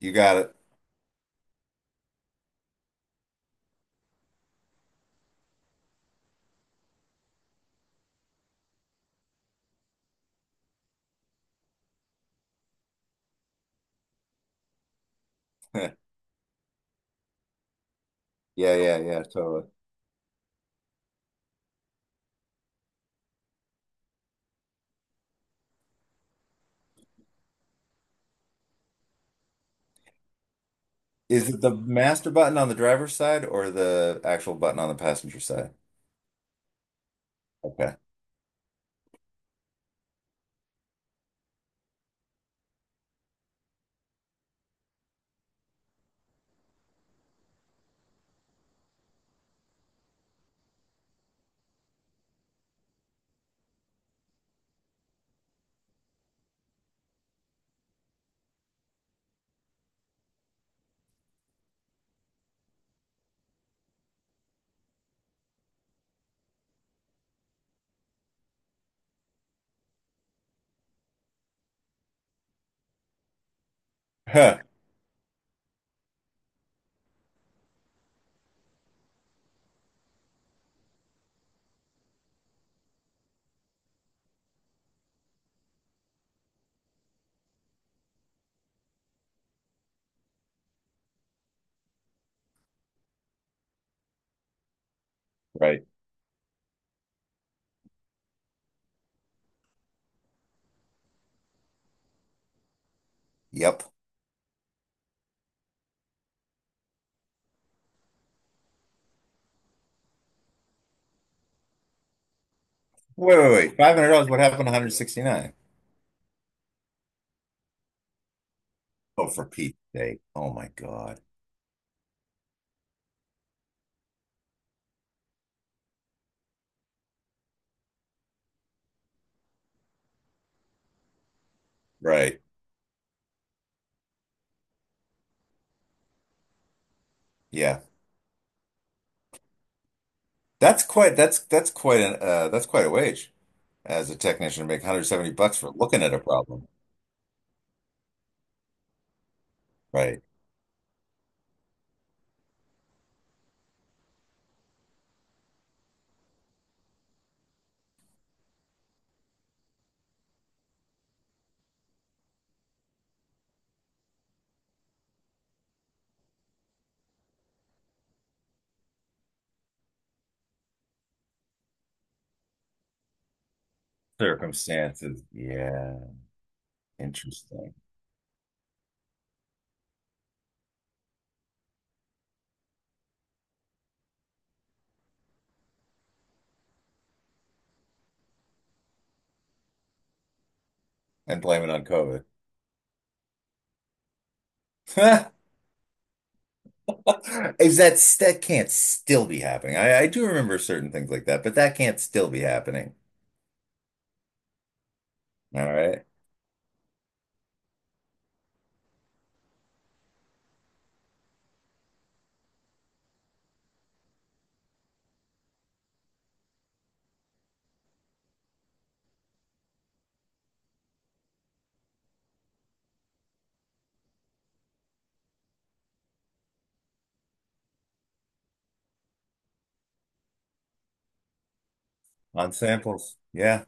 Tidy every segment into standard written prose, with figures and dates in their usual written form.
You got it. Yeah, yeah, yeah, totally. Is it the master button on the driver's side or the actual button on the passenger side? Okay. Huh. Right. Yep. Wait, wait, wait. $500? What happened to 169? Oh, for Pete's sake. Oh my God. Right. Yeah. That's quite an that's quite a wage as a technician to make 170 bucks for looking at a problem. Right. Circumstances. Yeah. Interesting. And blame it on COVID. Is that, that can't still be happening? I do remember certain things like that, but that can't still be happening. All right. On samples. Yeah.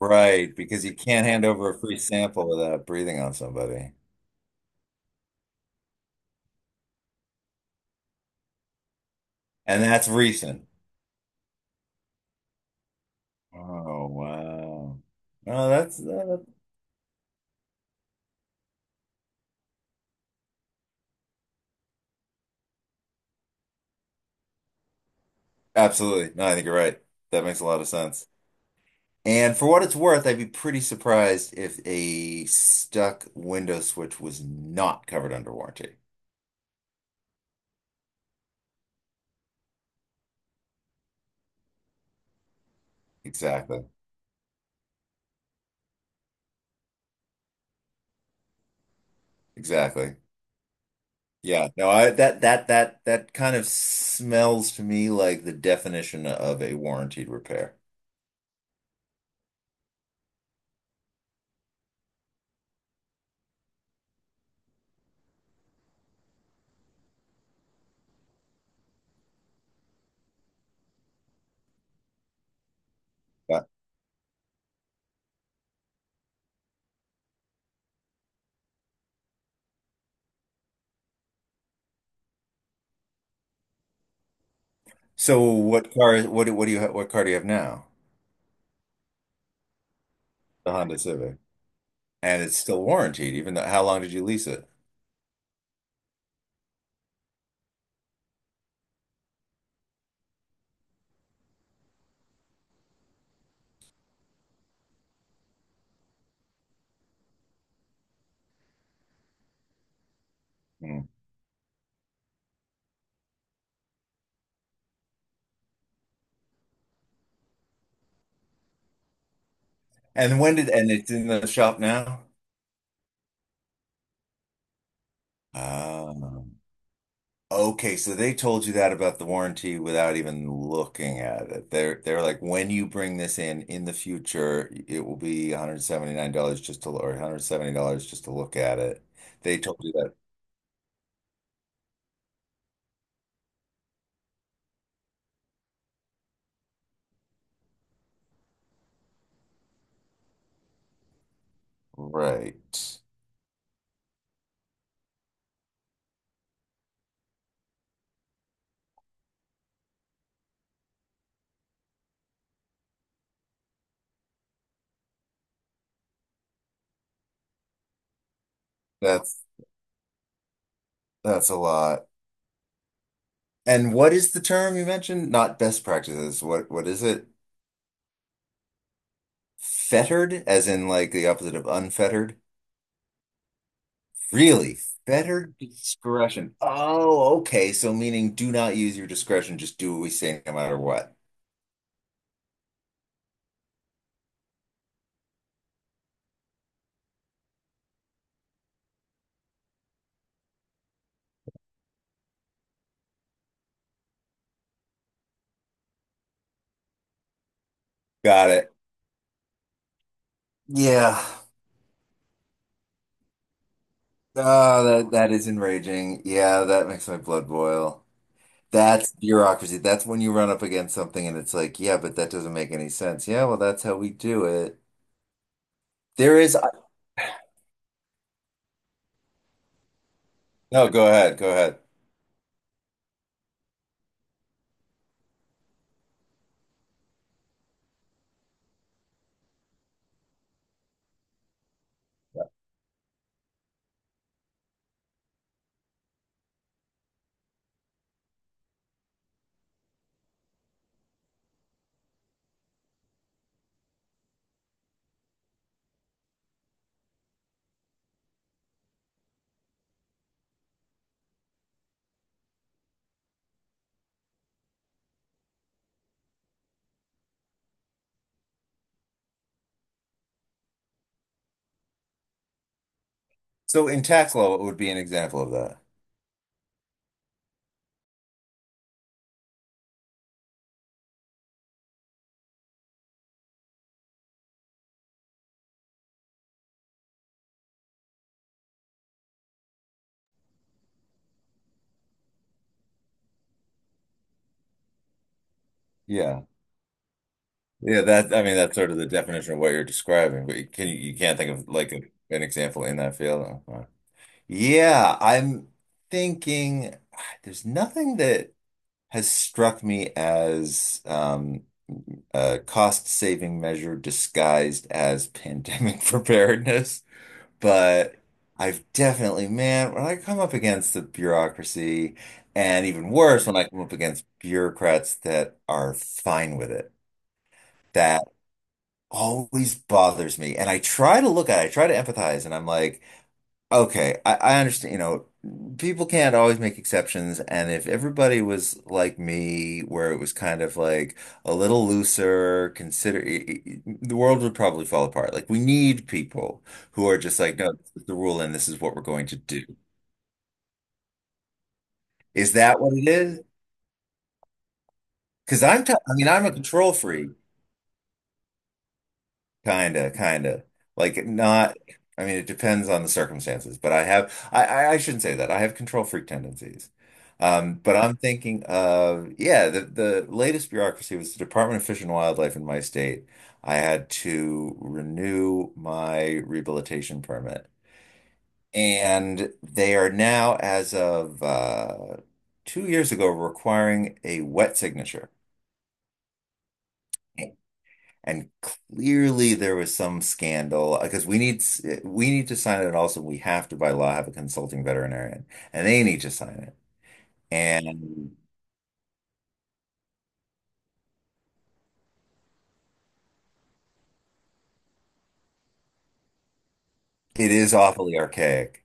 Right. Because you can't hand over a free sample without breathing on somebody. And that's recent. Oh, wow. Oh, that's absolutely. No, I think you're right. That makes a lot of sense. And for what it's worth, I'd be pretty surprised if a stuck window switch was not covered under warranty. Exactly. Exactly. Yeah, no, I that kind of smells to me like the definition of a warranted repair. But so what car what car do you have now? The Honda Civic. And it's still warranted, even though how long did you lease it? Hmm. And when did, and it's in the shop now? Ah. Okay, so they told you that about the warranty without even looking at it. They're, like, when you bring this in the future, it will be $179 just to, or $170 just to look at it. They told you that. Right. That's that's a lot. And what is the term you mentioned? Not best practices. What is it? Fettered, as in like the opposite of unfettered? Really? Fettered discretion. Oh, okay. So meaning do not use your discretion, just do what we say no matter what. Got it. Yeah. Oh, that that is enraging. Yeah, that makes my blood boil. That's bureaucracy. That's when you run up against something and it's like, yeah, but that doesn't make any sense. Yeah, well, that's how we do it. There is, no, go ahead, go ahead. So in tax law, it would be an example of that. Yeah. Yeah, that, I mean, that's sort of the definition of what you're describing, but you can, you can't think of like an example in that field. Okay. Yeah, I'm thinking there's nothing that has struck me as a cost-saving measure disguised as pandemic preparedness. But I've definitely, man, when I come up against the bureaucracy, and even worse, when I come up against bureaucrats that are fine with it, that always bothers me. And I try to look at it, I try to empathize, and I'm like, okay, I understand, you know, people can't always make exceptions, and if everybody was like me, where it was kind of like a little looser, consider the world would probably fall apart. Like we need people who are just like, no, this is the rule and this is what we're going to do. Is that what it is? Because I'm, t I mean, I'm a control freak. Kinda, kinda. Like not, I mean, it depends on the circumstances, but I have, I shouldn't say that. I have control freak tendencies. But I'm thinking of, yeah, the latest bureaucracy was the Department of Fish and Wildlife in my state. I had to renew my rehabilitation permit. And they are now, as of 2 years ago, requiring a wet signature. And clearly there was some scandal because we need to sign it, and also we have to by law have a consulting veterinarian, and they need to sign it. And it is awfully archaic.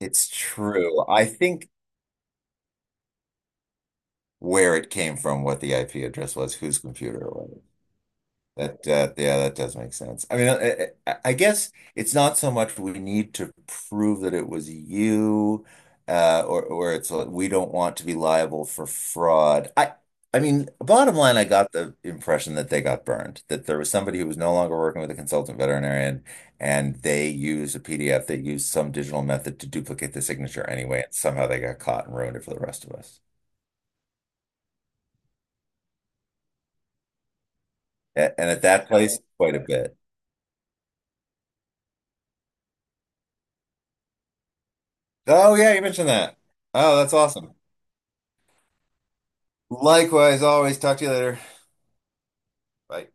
It's true. I think where it came from, what the IP address was, whose computer it was. That yeah, that does make sense. I mean, I guess it's not so much we need to prove that it was you, or it's like we don't want to be liable for fraud. I mean, bottom line, I got the impression that they got burned, that there was somebody who was no longer working with a consultant veterinarian, and they used a PDF, they used some digital method to duplicate the signature anyway, and somehow they got caught and ruined it for the rest of us. And at that place, quite a bit. Oh yeah, you mentioned that. Oh, that's awesome. Likewise, always talk to you later. Bye.